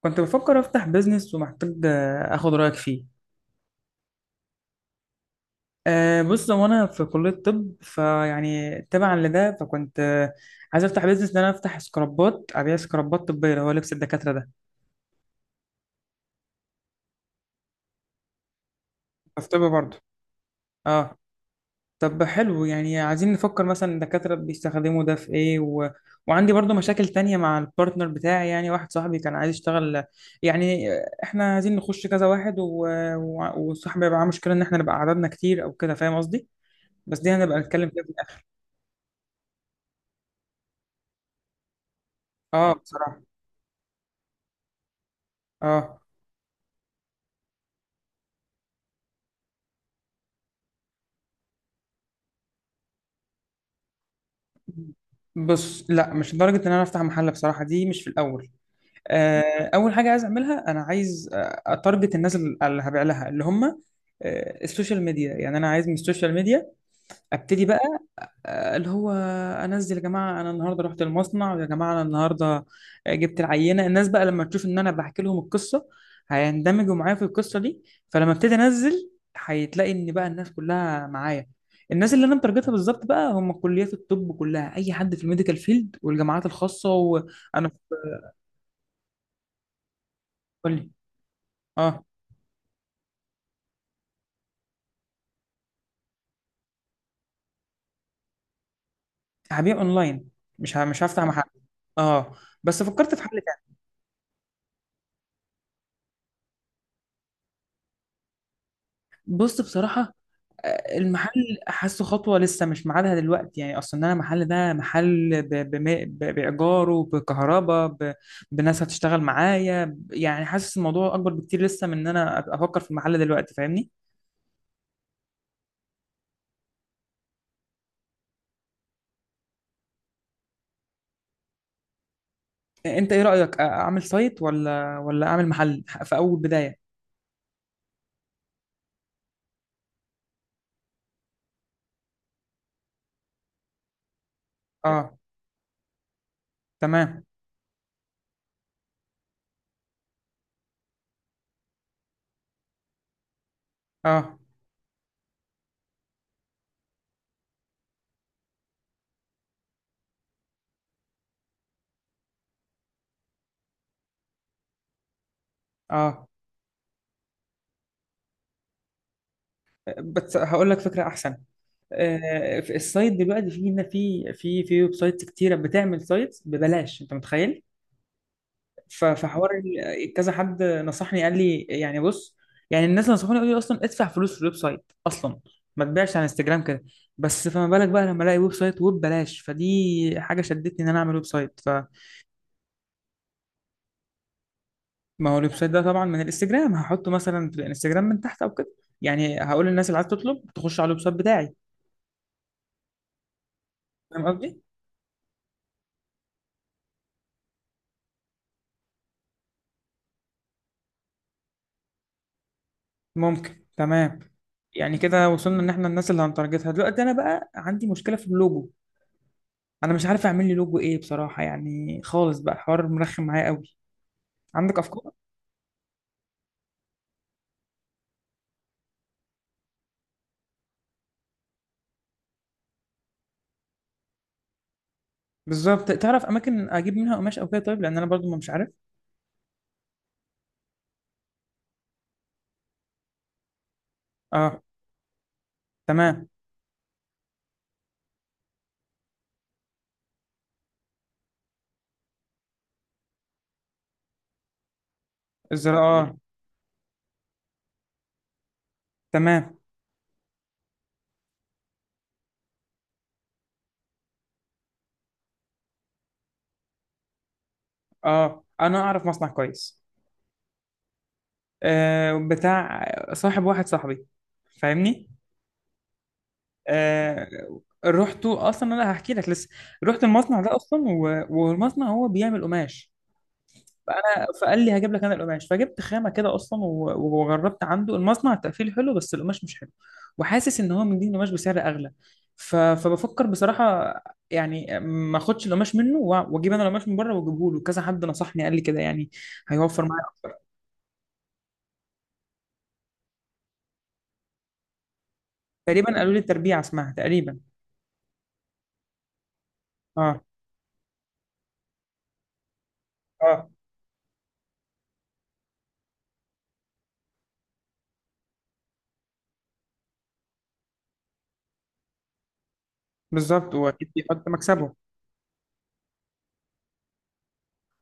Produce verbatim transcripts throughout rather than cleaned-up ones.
كنت بفكر افتح بيزنس ومحتاج آه، اخد رايك فيه. أه بص، هو انا في كليه طب، فيعني تبعا لده فكنت آه، عايز افتح بيزنس ان انا افتح سكرابات، ابيع سكرابات طبيه اللي هو لبس الدكاتره ده. في طب برضه. اه. طب حلو، يعني عايزين نفكر مثلا الدكاتره بيستخدموا ده في ايه و... وعندي برضه مشاكل تانية مع البارتنر بتاعي، يعني واحد صاحبي كان عايز يشتغل، يعني آه، احنا عايزين نخش كذا واحد و... و... وصاحبي يبقى معاه مشكله ان احنا نبقى عددنا كتير او كده، فاهم قصدي؟ بس دي هنبقى نتكلم فيها في الآخر. اه بصراحة، اه. بص، لا، مش لدرجة ان انا افتح محل بصراحة، دي مش في الاول. آه اول حاجة عايز اعملها، انا عايز آه، اتارجت الناس اللي اللي هبيع لها، اللي هم آه السوشيال ميديا. يعني انا عايز من السوشيال ميديا ابتدي بقى، آه، اللي هو انزل، يا جماعه انا النهارده رحت المصنع، ويا جماعه انا النهارده جبت العينه. الناس بقى لما تشوف ان انا بحكي لهم القصه، هيندمجوا معايا في القصه دي. فلما ابتدي انزل، هتلاقي ان بقى الناس كلها معايا. الناس اللي انا مترجتها بالظبط بقى هم كليات الطب كلها، اي حد في الميديكال فيلد والجامعات الخاصه، وانا قول لي. اه. هبيع اونلاين، مش ه- مش هفتح محل. اه. بس فكرت في حل تاني. بص بصراحه، المحل حاسه خطوة لسه مش ميعادها دلوقتي، يعني أصلا أنا المحل ده محل ب- بم- ب- بإيجاره، بكهرباء، ب- بناس هتشتغل معايا، ب- يعني حاسس الموضوع أكبر بكتير لسه من إن أنا أبقى أفكر في المحل دلوقتي، فاهمني؟ أنت إيه رأيك، أ- أعمل سايت ولا ولا أعمل محل في أول بداية؟ أه. تمام. أه. أه. بس هقول لك فكرة أحسن. آه، في السايت دلوقتي، في في في في ويب سايتس كتيره بتعمل سايتس ببلاش، انت متخيل؟ ف- فحوار ال- كذا حد نصحني، قال لي يعني بص، يعني الناس اللي نصحوني قالوا لي اصلا ادفع فلوس في الويب سايت اصلا، ما تبيعش على انستجرام كده. بس فما بالك بقى لما الاقي ويب سايت وببلاش، فدي حاجه شدتني ان انا اعمل ويب سايت. فما هو الويب سايت ده طبعا من الانستجرام، هحطه مثلا في الانستجرام من تحت او كده. يعني هقول للناس اللي عايز تطلب تخش على الويب سايت بتاعي، فاهم قصدي؟ ممكن. تمام. يعني كده وصلنا ان احنا الناس اللي هنتارجتها دلوقتي. انا بقى عندي مشكله في اللوجو، انا مش عارف اعمل لي لوجو ايه بصراحه، يعني خالص بقى الحوار مرخم معايا قوي. عندك افكار؟ بالظبط، تعرف اماكن اجيب منها قماش او كده طيب، لان انا برضو ما مش عارف. اه. تمام. الزراعه، اه. تمام. اه، انا اعرف مصنع كويس. آه بتاع صاحب واحد صاحبي، فاهمني؟ آه رحت اصلا، انا هحكي لك لسه. رحت المصنع ده اصلا، و... والمصنع هو بيعمل قماش. فانا فقال لي هجيب لك انا القماش، فجبت خامه كده اصلا، و- وجربت عنده المصنع. التقفيل حلو، بس القماش مش حلو، وحاسس ان هو مديني قماش بسعر اغلى. ف... فبفكر بصراحه يعني ما اخدش القماش منه، وأ- واجيب انا القماش من بره واجيبه له. كذا حد نصحني قال لي كده، يعني هيوفر معايا اكتر. تقريبا قالوا لي التربيع اسمها تقريبا. اه. اه. بالظبط، واكيد بيحط مكسبه.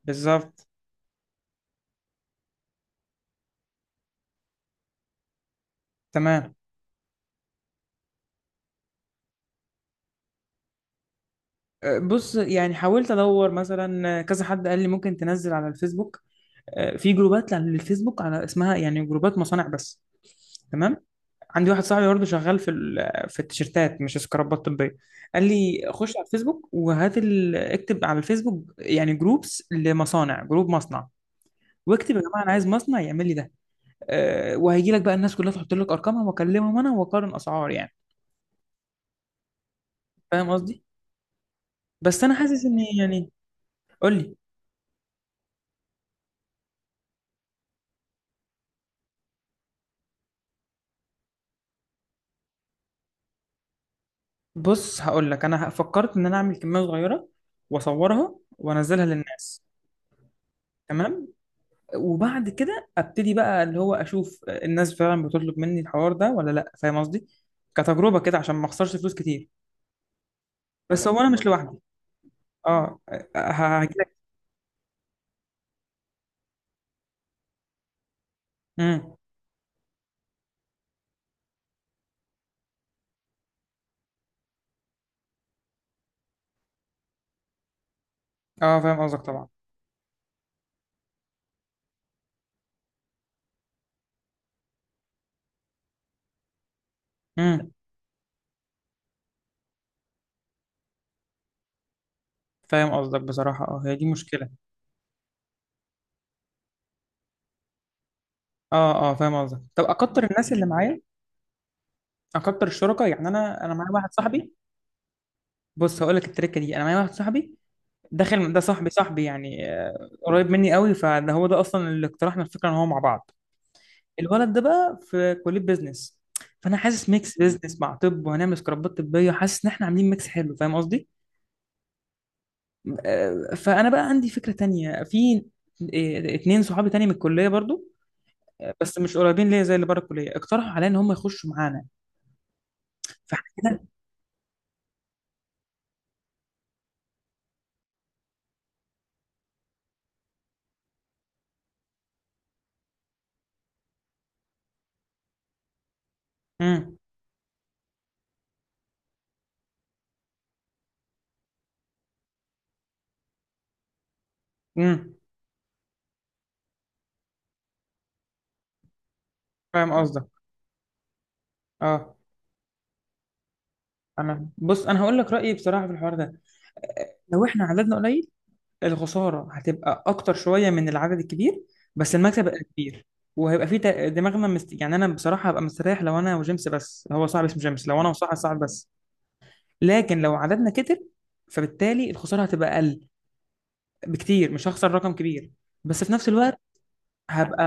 بالظبط. تمام. أه، بص يعني حاولت ادور مثلا. أه، كذا حد قال لي ممكن تنزل على الفيسبوك، آه، في جروبات على الفيسبوك على اسمها، يعني جروبات مصانع بس. تمام. عندي واحد صاحبي برضه شغال في ال- في التيشيرتات، مش سكرابات طبيه، قال لي خش على الفيسبوك وهات ال... اكتب على الفيسبوك يعني جروبس لمصانع، جروب مصنع، واكتب يا جماعه انا عايز مصنع يعمل لي ده. أه، وهيجي لك بقى الناس كلها تحط لك ارقامها، واكلمهم انا واقارن اسعار يعني. فاهم قصدي؟ بس انا حاسس ان يعني، قول لي. بص هقول لك، انا فكرت ان انا اعمل كميه صغيره واصورها وانزلها للناس. تمام. وبعد كده ابتدي بقى، اللي هو اشوف الناس فعلا بتطلب مني الحوار ده ولا لا، فاهم قصدي؟ كتجربه كده عشان ما اخسرش فلوس كتير. بس انا هو انا فاهم، مش قصدك لوحدي. اه. هجيلك. امم. اه، فاهم قصدك طبعا. امم. فاهم قصدك بصراحه، اه هي دي مشكله. اه. اه، فاهم قصدك. طب اكتر الناس اللي معايا، اكتر الشركاء يعني، انا انا معايا واحد صاحبي. بص هقول لك التركه دي، انا معايا واحد صاحبي داخل ده، صاحبي صاحبي يعني، آه، قريب مني قوي. فده هو ده اصلا اللي اقترحنا الفكره ان هو مع بعض. الولد ده بقى في كليه بيزنس، فانا حاسس ميكس بيزنس مع طب، وهنعمل سكرابات طبيه. حاسس ان احنا عاملين ميكس حلو، فاهم قصدي؟ آه، فانا بقى عندي فكره تانية في آه، اتنين صحابي تاني من الكليه برضو، آه، بس مش قريبين ليا زي اللي بره الكليه، اقترحوا عليا ان هم يخشوا معانا. فكده. امم. امم. فاهم قصدك. اه. انا بص، انا هقول لك رايي بصراحه في الحوار ده. لو احنا عددنا قليل، الخسارة هتبقى أكتر شوية من العدد الكبير، بس المكسب هيبقى كبير، وهيبقى في تق- دماغنا مست... يعني أنا بصراحة هبقى مستريح لو أنا وجيمس بس، هو صاحبي اسمه جيمس، لو أنا وصاحبي صاحب بس. لكن لو عددنا كتر، فبالتالي الخسارة هتبقى أقل بكتير، مش هخسر رقم كبير، بس في نفس الوقت هبقى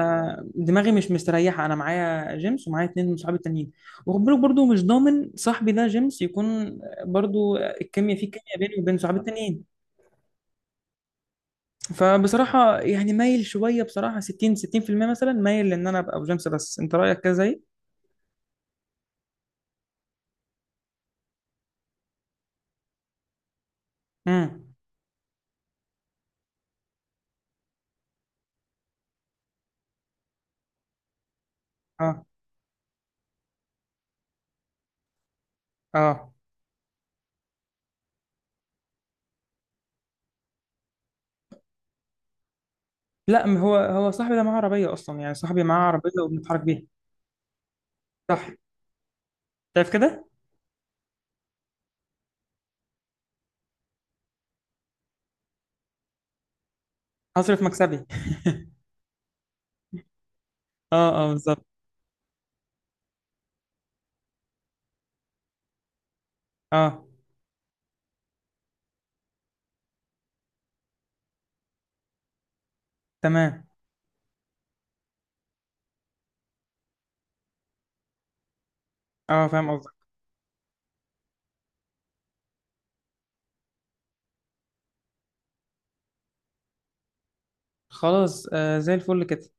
دماغي مش مستريحة، أنا معايا جيمس ومعايا اتنين من صحابي التانيين. وخد بالك برضه، مش ضامن صاحبي ده جيمس يكون برضه الكيمياء، فيه كيمياء بيني وبين صحابي التانيين. فبصراحة يعني مايل شوية، بصراحة 60 ستين في المية مثلا مايل لان انا ابقى بجيمس بس، انت رأيك كده زي؟ امم. اه. اه. لا، ما هو هو صاحبي ده معاه عربية اصلا، يعني صاحبي معاه عربية وبنتحرك بيها. صح. شايف كده. هصرف مكسبي اه. اه، بالظبط. اه. تمام. اه، فاهم قصدك. خلاص، آه زي الفل كده.